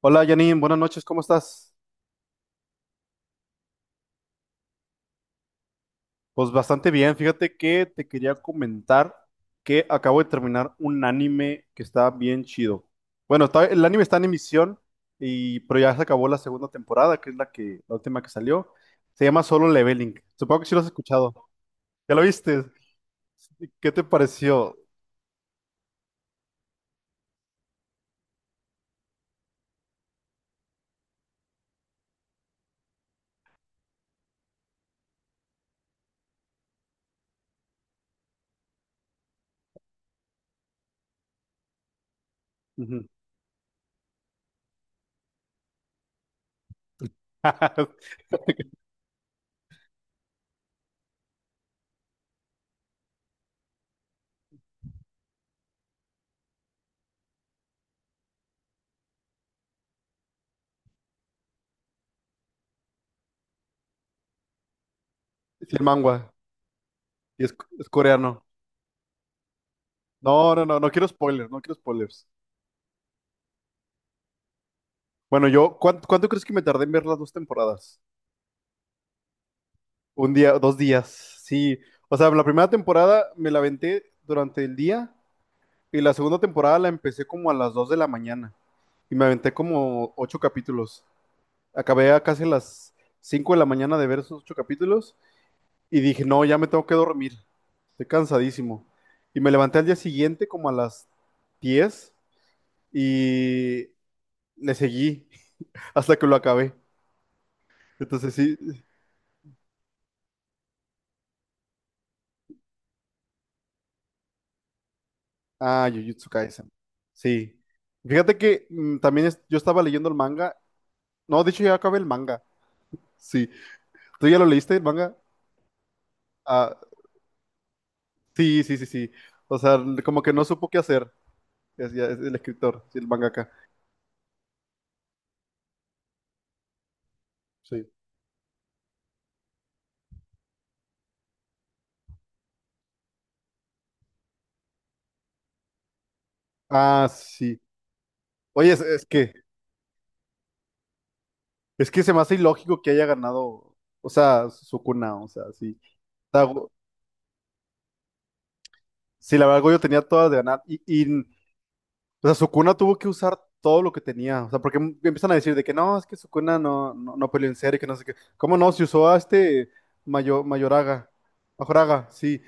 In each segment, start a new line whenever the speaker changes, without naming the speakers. Hola Janine, buenas noches, ¿cómo estás? Pues bastante bien, fíjate que te quería comentar que acabo de terminar un anime que está bien chido. Bueno, el anime está en emisión, pero ya se acabó la segunda temporada, que es la que, la última que salió. Se llama Solo Leveling. Supongo que sí lo has escuchado. ¿Ya lo viste? ¿Qué te pareció? Ujú. Sí, el manga. Y es coreano. No, no, no, no quiero spoilers, no quiero spoilers. Bueno, yo, ¿cuánto crees que me tardé en ver las dos temporadas? Un día, dos días, sí. O sea, la primera temporada me la aventé durante el día y la segunda temporada la empecé como a las 2 de la mañana y me aventé como ocho capítulos. Acabé a casi las 5 de la mañana de ver esos ocho capítulos y dije, no, ya me tengo que dormir, estoy cansadísimo. Y me levanté al día siguiente como a las 10 y le seguí hasta que lo acabé. Entonces sí. Ah, Jujutsu Kaisen. Sí. Fíjate que también yo estaba leyendo el manga. No, de hecho ya acabé el manga. Sí. ¿Tú ya lo leíste el manga? Ah, sí, sí, sí, sí. O sea, como que no supo qué hacer. Es, es el escritor, sí, el mangaka. Sí. Ah, sí. Oye, es que se me hace ilógico que haya ganado, o sea, Sukuna, o sea, sí. O sea, sí, la verdad, yo tenía todas de ganar. Y o sea, Sukuna tuvo que usar todo lo que tenía. O sea, porque empiezan a decir de que no, es que Sukuna no, no, no peleó en serio, que no sé qué. ¿Cómo no? Si usó a este Mayoraga. Majoraga, sí.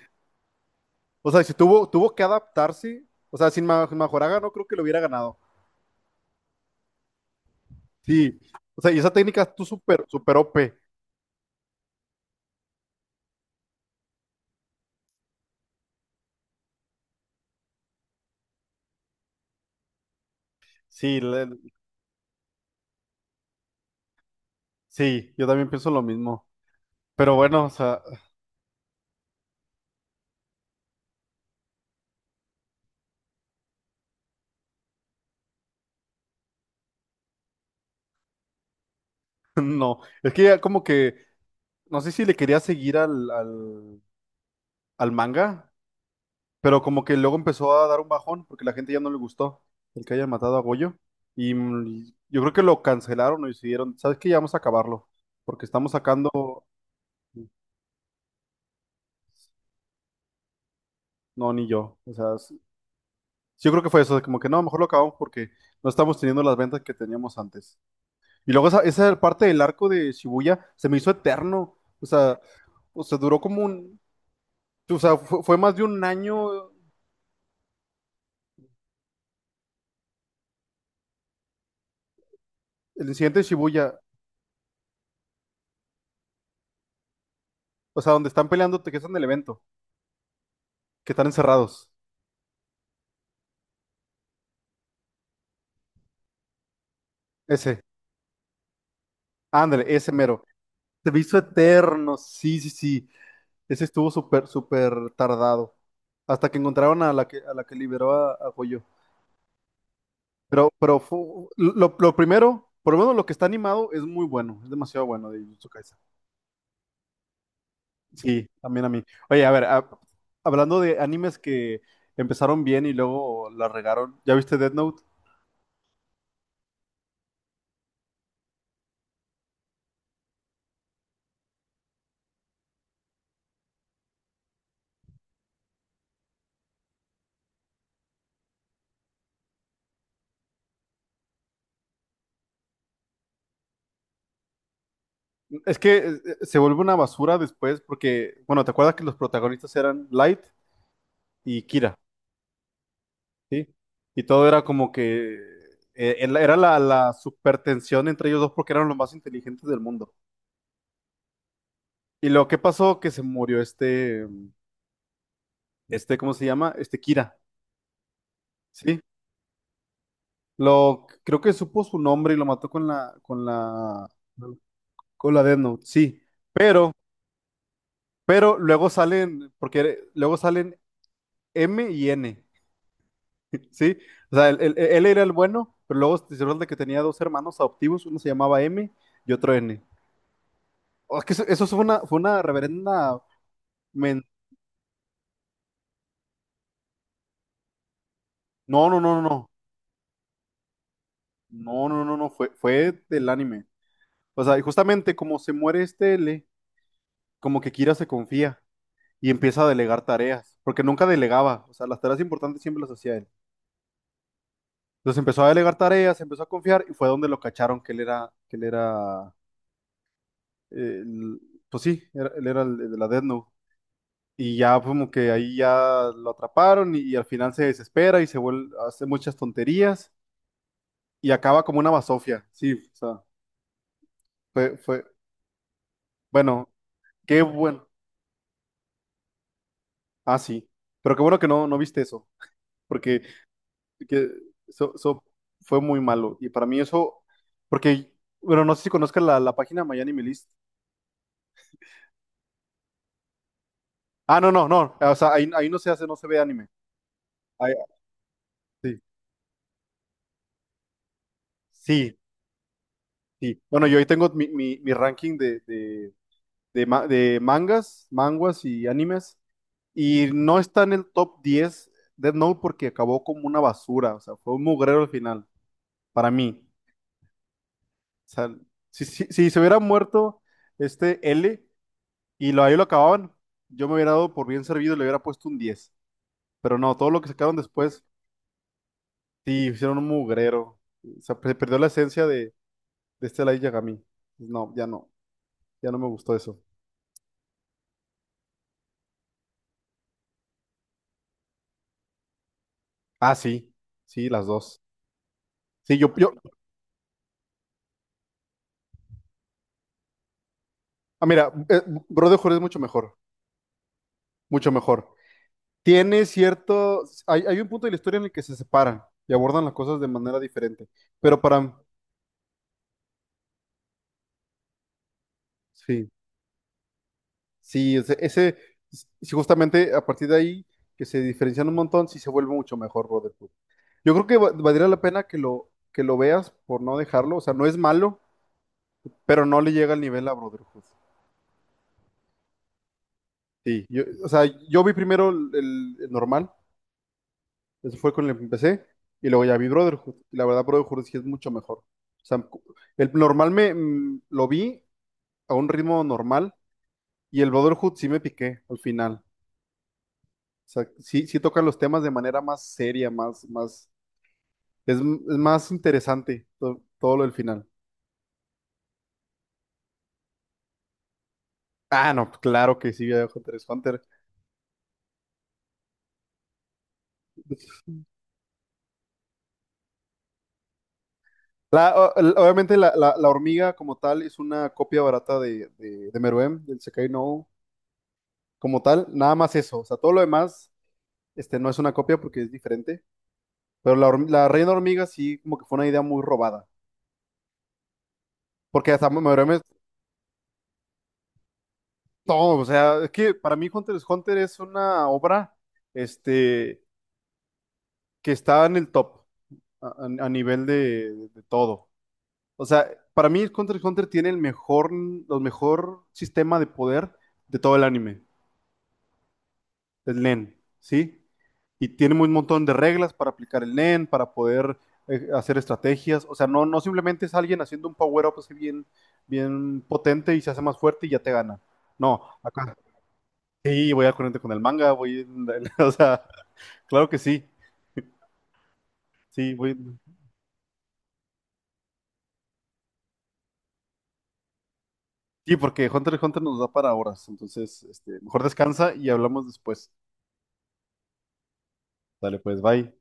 O sea, si tuvo, tuvo que adaptarse. O sea, sin Majoraga no creo que lo hubiera ganado. Sí. O sea, y esa técnica tú super, super OP. Sí, sí, yo también pienso lo mismo. Pero bueno, o sea, no. Es que ya como que, no sé si le quería seguir al manga. Pero como que luego empezó a dar un bajón porque la gente ya no le gustó el que hayan matado a Goyo. Y yo creo que lo cancelaron o decidieron, ¿sabes qué? Ya vamos a acabarlo. Porque estamos sacando, no, ni yo. O sea, yo creo que fue eso, de como que no, mejor lo acabamos porque no estamos teniendo las ventas que teníamos antes. Y luego esa, esa parte del arco de Shibuya se me hizo eterno. O sea, duró como un, o sea, fue más de un año el incidente de Shibuya. O sea, donde están peleando, que están en el evento, que están encerrados. Ese. Ándale, ese mero. Se me hizo eterno. Sí, sí, sí. Ese estuvo súper, súper tardado. Hasta que encontraron a la que, liberó a Goyo. Pero lo primero, por lo menos lo que está animado es muy bueno. Es demasiado bueno de Jujutsu Kaisen. Sí, también a mí. Oye, a ver, hablando de animes que empezaron bien y luego la regaron. ¿Ya viste Death Note? Es que se vuelve una basura después porque, bueno, ¿te acuerdas que los protagonistas eran Light y Kira? Sí, y todo era como que era la supertensión entre ellos dos porque eran los más inteligentes del mundo. Y lo que pasó que se murió este, ¿cómo se llama? Este Kira, ¿sí? Lo, creo que supo su nombre y lo mató con la Death Note, sí. Pero, pero luego salen, porque luego salen M y N, ¿sí? O sea, él era el bueno, pero luego se resulta que tenía dos hermanos adoptivos, uno se llamaba M y otro N. Oh, es que eso, fue una reverenda. men- No, no, no, no, no. No, no, no, no. Fue, fue del anime. O sea, y justamente como se muere este L, como que Kira se confía y empieza a delegar tareas. Porque nunca delegaba. O sea, las tareas importantes siempre las hacía él. Entonces empezó a delegar tareas, empezó a confiar y fue donde lo cacharon que él era, eh, el- pues sí, él era el, de la Death Note. Y ya como que ahí ya lo atraparon y al final se desespera y se vuelve, hace muchas tonterías y acaba como una basofia. Sí, o sea, fue, fue, bueno, qué bueno. Ah, sí. Pero qué bueno que no, no viste eso, porque que eso, fue muy malo. Y para mí eso, porque, bueno, no sé si conozcas la, página My Anime List. Ah, no, no, no. O sea, ahí no se hace, no se ve anime. Ahí- sí, sí, sí. Bueno, yo ahí tengo mi, mi ranking de, de mangas, manguas y animes. Y no está en el top 10 Death Note porque acabó como una basura. O sea, fue un mugrero al final, para mí. O sea, si, si se hubiera muerto este L y lo, ahí lo acababan, yo me hubiera dado por bien servido y le hubiera puesto un 10. Pero no, todo lo que sacaron después, sí, hicieron un mugrero. O sea, se perdió la esencia de, este Light Yagami. No, ya no, ya no me gustó eso. Ah, sí, sí, las dos. Sí, ah, mira, Brotherhood es mucho mejor, mucho mejor. Tiene cierto, hay, un punto de la historia en el que se separan y abordan las cosas de manera diferente, pero para, sí, sí, sí, justamente a partir de ahí que se diferencian un montón, sí se vuelve mucho mejor Brotherhood. Yo creo que valdría la pena que lo veas por no dejarlo, o sea, no es malo, pero no le llega al nivel a Brotherhood. Sí, yo, o sea, yo vi primero el, normal. Eso fue con el que empecé. Y luego ya vi Brotherhood. Y la verdad, Brotherhood sí es mucho mejor. O sea, el normal me lo vi a un ritmo normal. Y el Brotherhood sí me piqué al final. O sea, sí, sí tocan los temas de manera más seria, más, más, es más interesante todo lo del final. Ah, no, claro que sí, Hunter x Hunter. Obviamente la, la hormiga como tal es una copia barata de, Meruem, del Sekai No, Uo, como tal, nada más eso. O sea, todo lo demás. Este no es una copia porque es diferente. Pero la, la Reina Hormiga sí, como que fue una idea muy robada. Porque hasta todo, o sea, es que para mí Hunter x Hunter es una obra este, que está en el top a nivel de, todo. O sea, para mí Hunter x Hunter tiene el mejor, los mejor sistema de poder de todo el anime. El NEN, ¿sí? Y tiene un montón de reglas para aplicar el NEN, para poder hacer estrategias. O sea, no, no simplemente es alguien haciendo un power-up así bien, bien potente y se hace más fuerte y ya te gana. No, acá sí, voy al corriente con el manga, voy, o sea, claro que sí, sí, voy. Sí, porque Hunter x Hunter nos da para horas, entonces, este, mejor descansa y hablamos después. Dale, pues, bye.